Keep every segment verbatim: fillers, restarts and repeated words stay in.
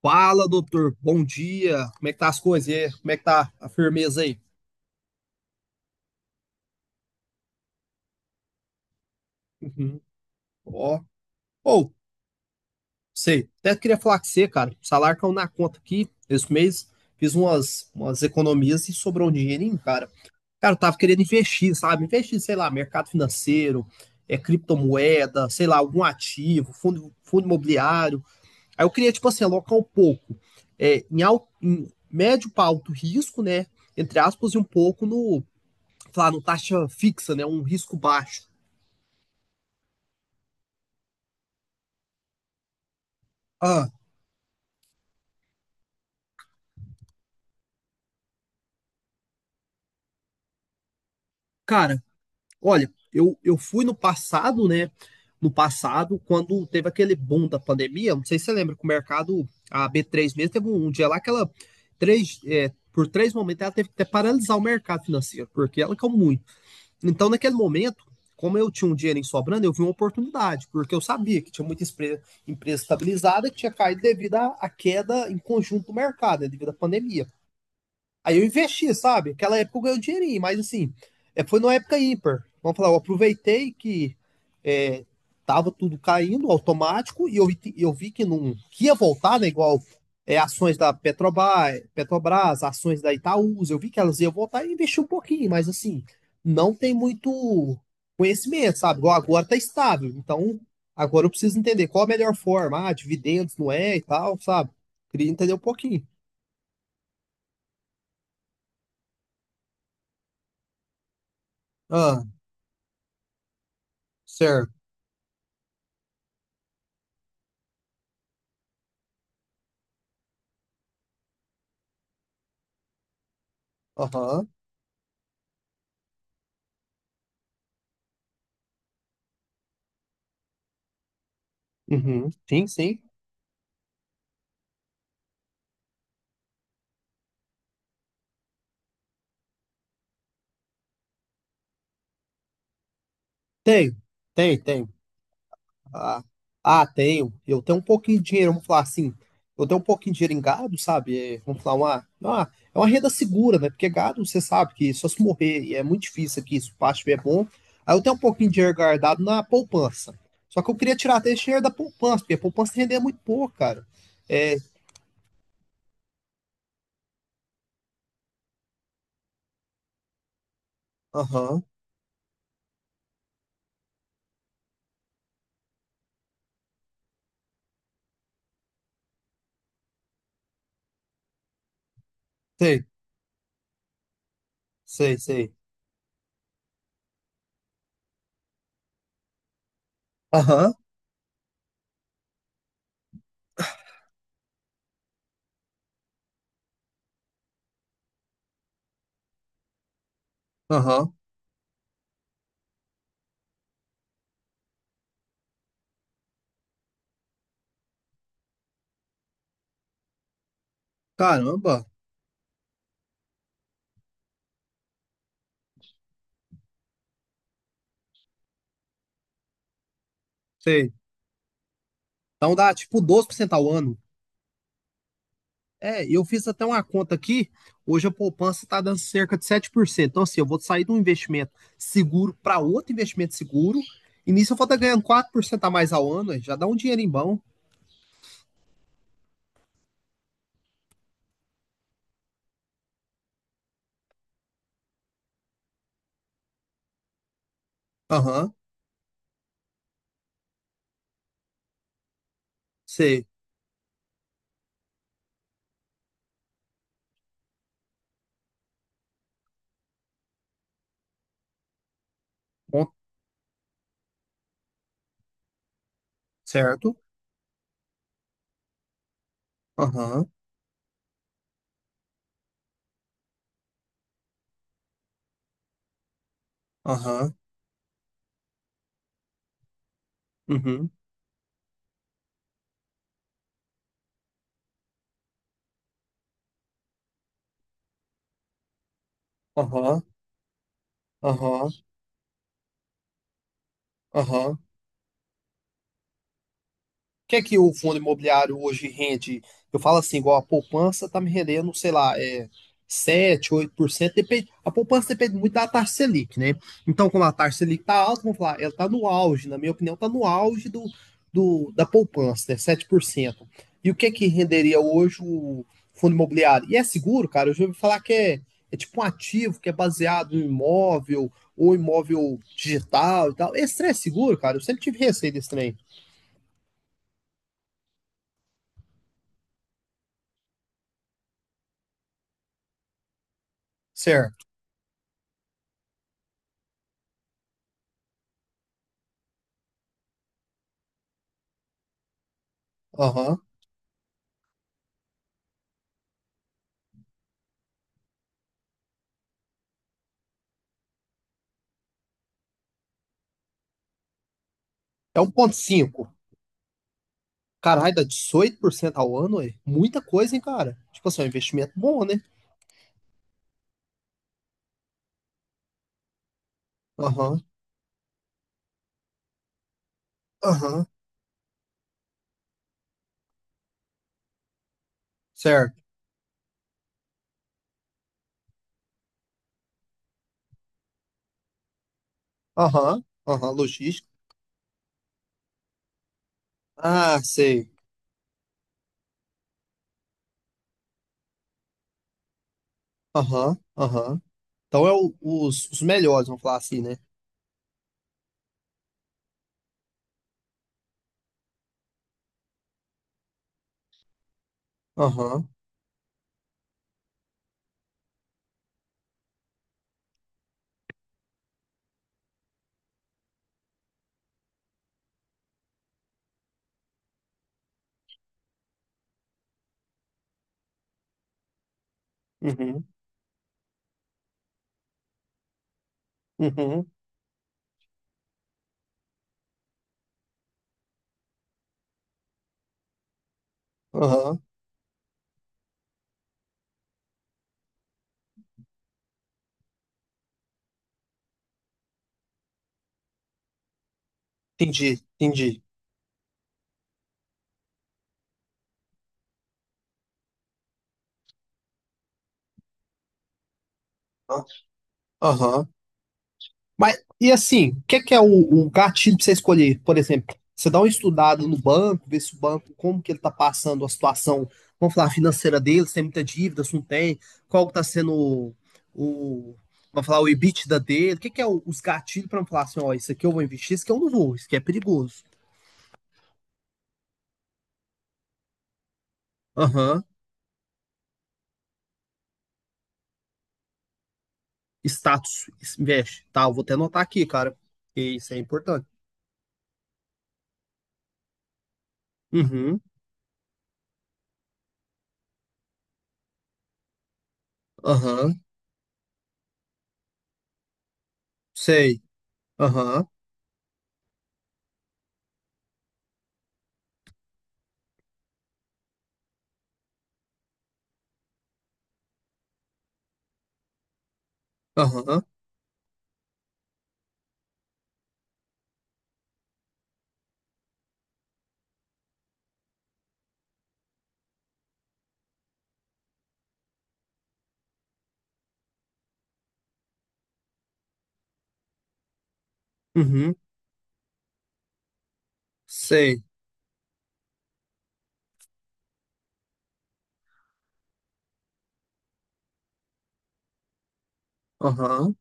Fala, doutor. Bom dia. Como é que tá as coisas? E aí, como é que tá a firmeza aí? Uhum. Ó. Ou sei. Até queria falar com você, cara. O salário caiu na conta aqui esse mês. Fiz umas, umas economias e sobrou um dinheirinho, cara. Cara, eu tava querendo investir, sabe? Investir, sei lá, mercado financeiro, é, criptomoeda, sei lá, algum ativo, fundo, fundo imobiliário. Aí eu queria, tipo assim, alocar um pouco é, em, alto, em médio para alto risco, né? Entre aspas, e um pouco no lá no taxa fixa, né? Um risco baixo. Ah, cara, olha, eu, eu fui no passado, né? No passado, quando teve aquele boom da pandemia, não sei se você lembra que o mercado, a B três mesmo, teve um, um dia lá que ela, três, é, por três momentos, ela teve que até paralisar o mercado financeiro, porque ela caiu muito. Então, naquele momento, como eu tinha um dinheiro sobrando, eu vi uma oportunidade, porque eu sabia que tinha muita espre- empresa estabilizada que tinha caído devido à à queda em conjunto do mercado, né, devido à pandemia. Aí eu investi, sabe? Aquela época eu ganhei um dinheirinho, mas assim, é, foi numa época ímpar. Vamos falar, eu aproveitei que é, tava tudo caindo automático e eu vi, que- eu vi que não que ia voltar, né? Igual é, ações da Petrobras, Petrobras, ações da Itaúsa, eu vi que elas iam voltar e investi um pouquinho, mas assim, não tem muito conhecimento, sabe? Igual agora tá estável, então agora eu preciso entender qual a melhor forma, ah, dividendos não é e tal, sabe? Queria entender um pouquinho. Ah, certo. Aham. Uhum. Sim, sim. Tenho, tenho, tenho. Ah, ah, tenho. Eu tenho um pouquinho de dinheiro, vamos falar assim. Eu tenho um pouquinho de dinheiro em gado, sabe? É, vamos falar uma, uma- é uma renda segura, né? Porque gado, você sabe que só se morrer, e é muito difícil aqui, se o pasto estiver bom. Aí eu tenho um pouquinho de dinheiro guardado na poupança. Só que eu queria tirar até esse dinheiro da poupança, porque a poupança rende muito pouco, cara. É, aham, sei, sei, sei. Aham, aham. Caramba, sei. Então dá tipo doze por cento ao ano. É, eu fiz até uma conta aqui. Hoje a poupança está dando cerca de sete por cento. Então, assim, eu vou sair de um investimento seguro para outro investimento seguro. E nisso eu vou estar ganhando quatro por cento a mais ao ano. Aí já dá um dinheirinho bom. Aham, sei. Bom, certo. Aham, aham, uhum, aham, aham, aham. Que é que o fundo imobiliário hoje rende? Eu falo assim, igual a poupança tá me rendendo, sei lá, é sete, oito por cento. Depende, a poupança depende muito da taxa Selic, né? Então, como a taxa Selic tá alta, vamos falar, ela tá no auge, na minha opinião, tá no auge do, do da poupança, né? Sete por cento. E o que é que renderia hoje o fundo imobiliário? E é seguro, cara? Eu já ouvi falar que é, é tipo um ativo que é baseado em imóvel ou imóvel digital e tal. Esse trem é seguro, cara? Eu sempre tive receio desse trem. Certo. Aham. É um ponto cinco. Caralho, dá dezoito por cento ao ano, é muita coisa, hein, cara? Tipo assim, é um investimento bom, né? Aham, aham, certo. Aham, aham, logística. Ah, sei. Aham, aham. Então é o- os, os melhores, vamos falar assim, né? Aham, uhum, uhum, aham. Entendi, entendi. Aham, mas, e assim, o que é que é o, o gatilho pra você escolher? Por exemplo, você dá uma estudada no banco, vê se o banco, como que ele tá passando a situação, vamos falar, financeira dele, se tem muita dívida, se não tem, qual que tá sendo o, o- vamos falar, o EBITDA dele, o que é que é o- os gatilhos pra eu falar assim, ó, isso aqui eu vou investir, isso aqui eu não vou, isso aqui é perigoso. Aham, Status, investe, tá, eu vou até anotar aqui, cara, que isso é importante. Uhum, aham, sei, aham, aham, uhum, sei, aham.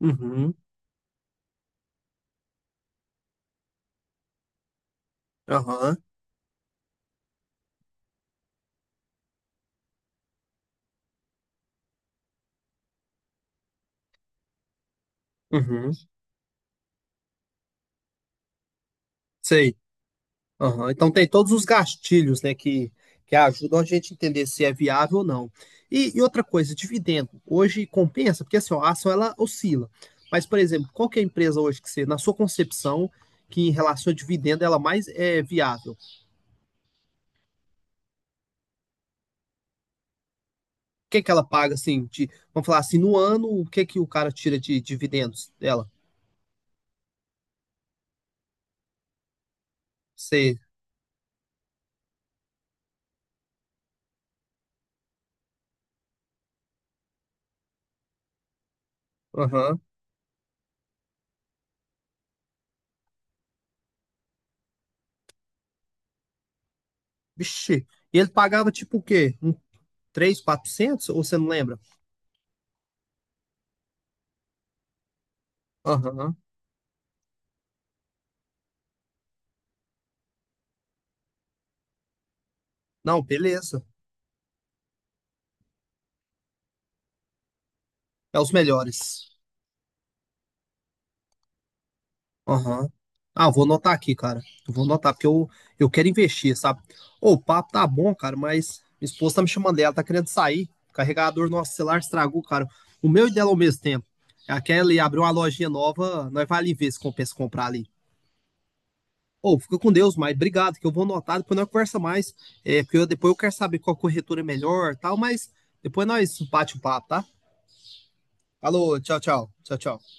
Uhum, aham, uhum, sei. Aham. Então tem todos os gastilhos, né, que, que ajudam a gente a entender se é viável ou não. E, e outra coisa, dividendo. Hoje compensa, porque assim, ó, a ação ela oscila. Mas, por exemplo, qual que é a empresa hoje que você, na sua concepção, que em relação a dividendo ela mais é viável? O que é que ela paga, assim, de, vamos falar assim, no ano, o que é que o cara tira de dividendos dela? Você, aham, vixe, e ele pagava tipo o quê? Um três, quatrocentos? Ou você não lembra? Aham. Não, beleza. É os melhores. Aham. Ah, vou anotar aqui, cara. Eu vou anotar, porque eu, eu quero investir, sabe? Ô, o papo tá bom, cara, mas minha esposa tá me chamando, ela tá querendo sair. O carregador do nosso celular estragou, cara. O meu e dela ao mesmo tempo. A Kelly abriu uma lojinha nova, nós vai ali ver se compensa comprar ali. Ô, fica com Deus, mas obrigado, que eu vou anotar, depois nós conversa mais. É, porque eu- depois eu quero saber qual corretora é melhor e tal, mas depois nós bate o papo, tá? Alô, tchau, tchau. Tchau, tchau.